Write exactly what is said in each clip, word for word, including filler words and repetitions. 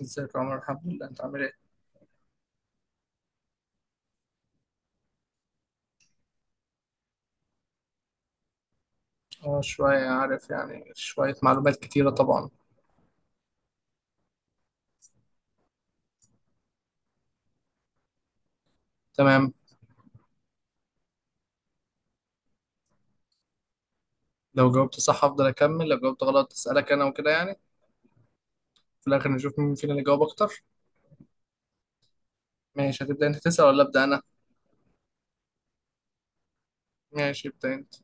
ازيك يا عمر، الحمد لله، انت عامل ايه؟ اه شوية، عارف يعني شوية معلومات كتيرة طبعا. تمام. لو جاوبت صح افضل اكمل، لو جاوبت غلط اسألك انا وكده يعني. في الاخر نشوف مين فينا اللي جاوب اكتر. ماشي، هتبدأ انت تسأل ولا ابدأ انا؟ ماشي، ابدأ انت.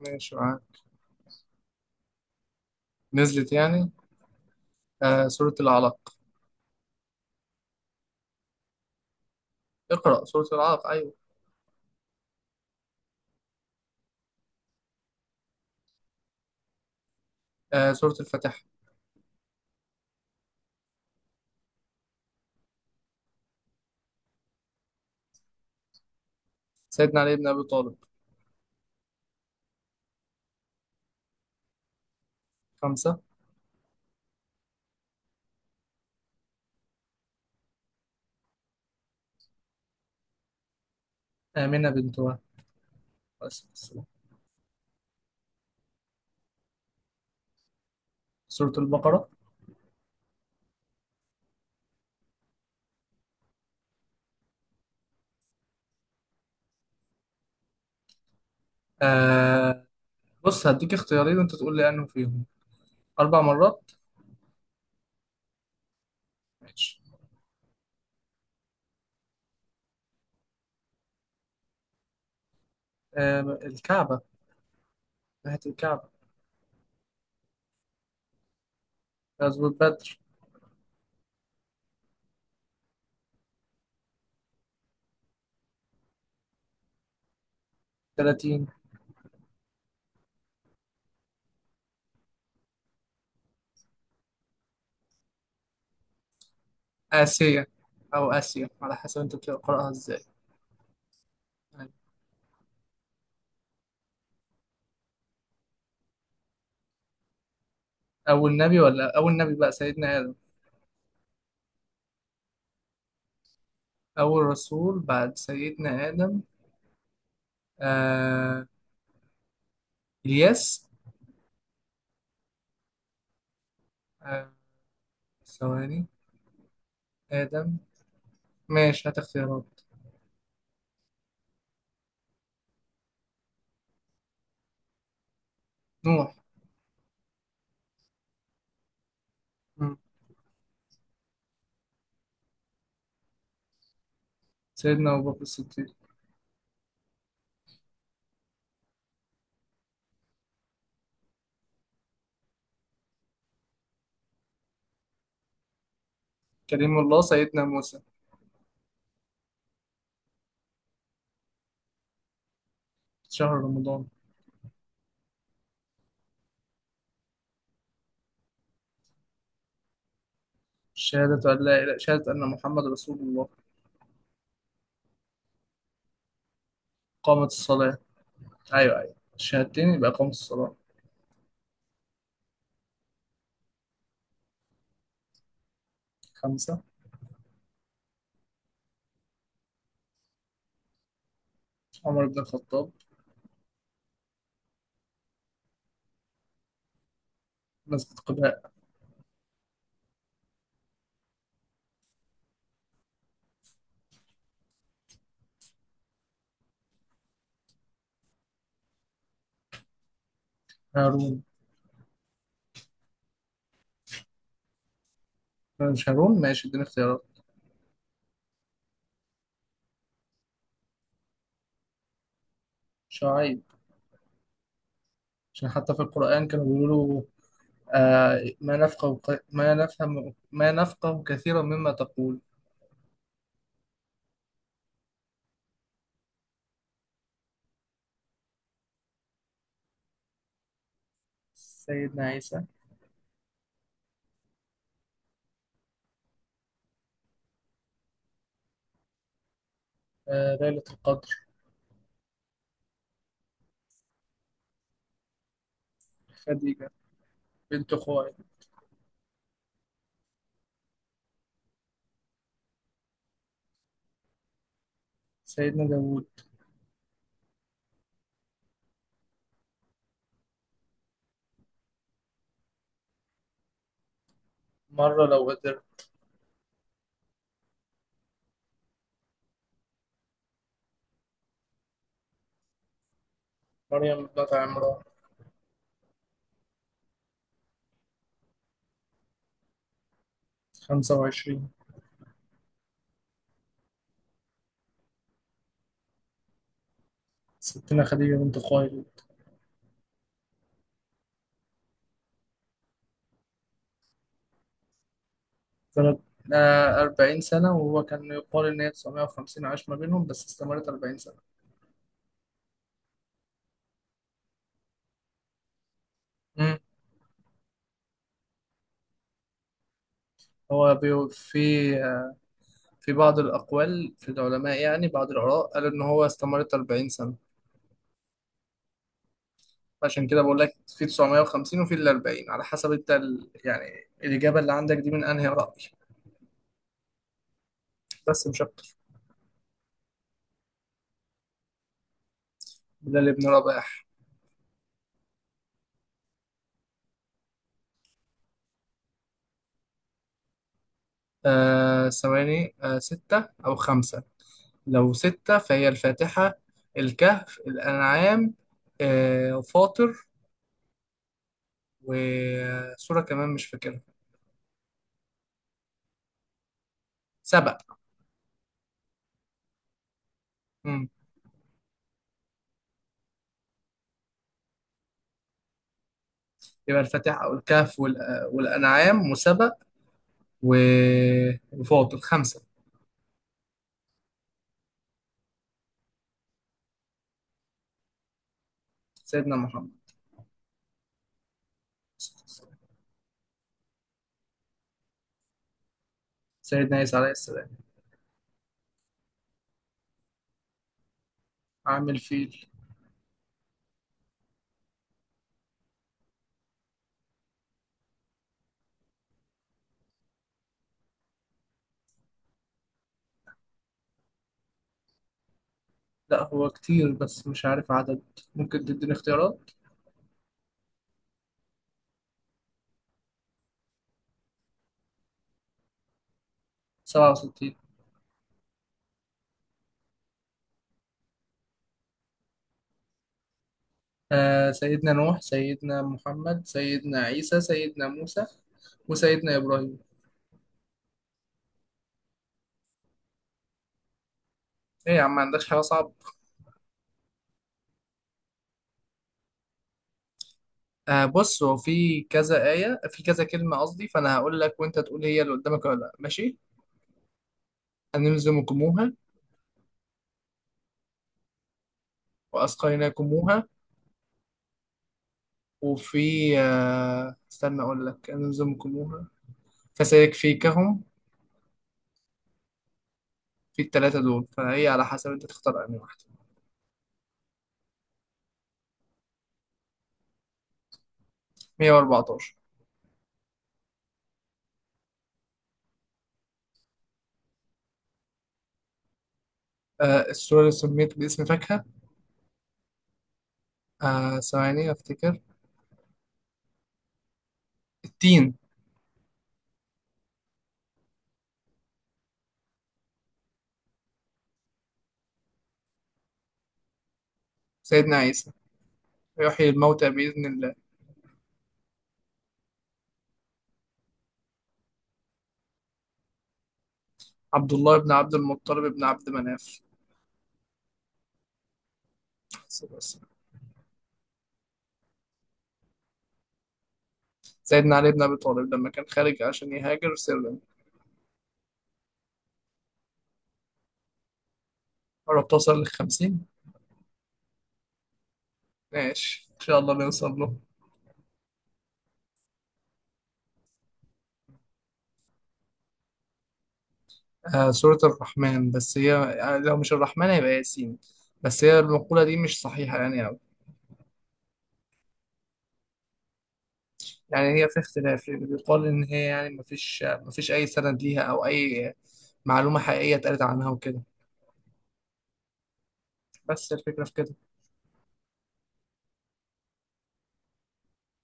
ماشي معاك. نزلت يعني. آه سورة العلق. اقرأ سورة العلق، ايوه. آه سورة الفاتحة. سيدنا علي بن ابي طالب. خمسة. آمنة بنت وهب، عليه الصلاة والسلام. سورة البقرة. آه بص، هديك اختيارين وانت تقول لي انه فيهم اربع مرات. ماشي. آه، الكعبة. ناحية الكعبة. غزوة بدر. ثلاثين. آسيا، أو آسيا على حسب أنت بتقرأها إزاي يعني. أول نبي ولا أول نبي بقى سيدنا آدم. أول رسول بعد سيدنا آدم. آه إلياس. آه ثواني. آدم. ماشي، هات اختيارات. نوح. مم. سيدنا أبو بكر الصديق. كريم الله، سيدنا موسى. شهر رمضان. شهادة أن لا إله، شهادة أن محمد رسول الله. قامت الصلاة. أيوه أيوه، الشهادتين يبقى قامت الصلاة. خمسة. عمر بن الخطاب. مسجد قباء. هارون. مش هارون، ماشي اديني اختيارات. شعيب. عشان حتى في القرآن كانوا بيقولوا له: آه ما نفقه ق- ما نفهم، ما نفقه كثيرا مما تقول. سيدنا عيسى. آه ليلة القدر. خديجة بنت خويلد. سيدنا داوود. مرة لو قدر. مريم بنت عمران. خمسة وعشرين. ستنا خديجة بنت خويلد. سنة. آه أربعين سنة، وهو كان يقال إن هي تسعمية وخمسين عاش ما بينهم، بس استمرت أربعين سنة. هو بيو- في في بعض الأقوال في العلماء يعني بعض الآراء، قالوا إن هو استمرت أربعين سنة. عشان كده بقول لك في تسعمية وخمسين وفي ال أربعين، على حسب أنت ال- يعني الإجابة اللي عندك دي من أنهي رأي. بس مش أكتر. ده لابن رباح. آه ثواني، آه ستة أو خمسة. لو ستة فهي الفاتحة، الكهف، الأنعام، آه فاطر، وسورة كمان مش فاكرها. سبأ. مم. يبقى الفاتحة أو الكهف والأ- والأنعام وسبأ و- وفاطر، خمسة. سيدنا محمد. سيدنا عيسى عليه السلام. عامل فيل. لا هو كتير، بس مش عارف عدد. ممكن تديني اختيارات. سبعة وستين. آه سيدنا نوح، سيدنا محمد، سيدنا عيسى، سيدنا موسى، وسيدنا إبراهيم. ايه يا عم، ما عندكش حاجة صعبة. آه بص، هو في كذا آية في كذا كلمة قصدي، فأنا هقول لك وأنت تقول هي اللي قدامك ولا لأ، ماشي. أنلزمكموها. وأسقيناكموها. وفي آه استنى أقول لك، أنلزمكموها، فسيكفيكهم. في الثلاثة دول، فهي على حسب أنت تختار أنهي واحدة. مية وأربعتاشر. آه السورة اللي سميت باسم فاكهة. آه ثواني أفتكر. التين. سيدنا عيسى، يحيي الموتى بإذن الله. عبد الله بن عبد المطلب بن عبد مناف، صلى الله عليه وسلم. سيدنا علي بن أبي طالب، لما كان خارج عشان يهاجر سرا. قرب توصل للخمسين. ماشي إن شاء الله نوصل له. آه سورة الرحمن، بس هي لو مش الرحمن هيبقى ياسين. بس هي المقولة دي مش صحيحة يعني. يعني هي في اختلاف، لأن بيقال إن هي يعني مفيش مفيش أي سند ليها أو أي معلومة حقيقية اتقالت عنها وكده. بس الفكرة في كده.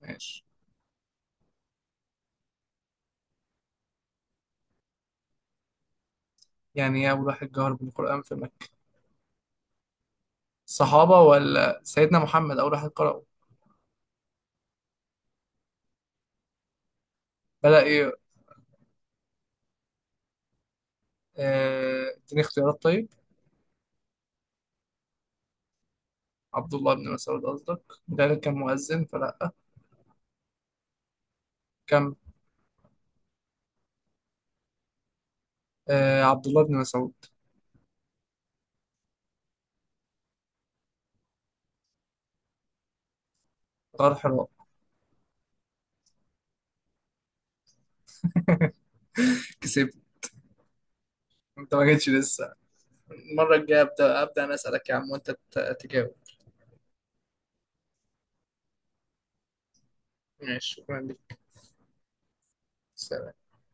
ماشي. يعني إيه أول واحد جهر بالقرآن في مكة؟ الصحابة ولا سيدنا محمد أول واحد قرأه؟ بدأ إيه؟ آه، اديني اختيارات طيب. عبد الله بن مسعود قصدك؟ ده كان مؤذن فلا. كم. آه عبد الله بن مسعود. غار حراء. كسبت. انت ما جيتش لسه. المرة الجاية أبدأ أبدأ أنا أسألك يا عم، وأنت ت- تجاوب. ماشي شكرا لك. سلام.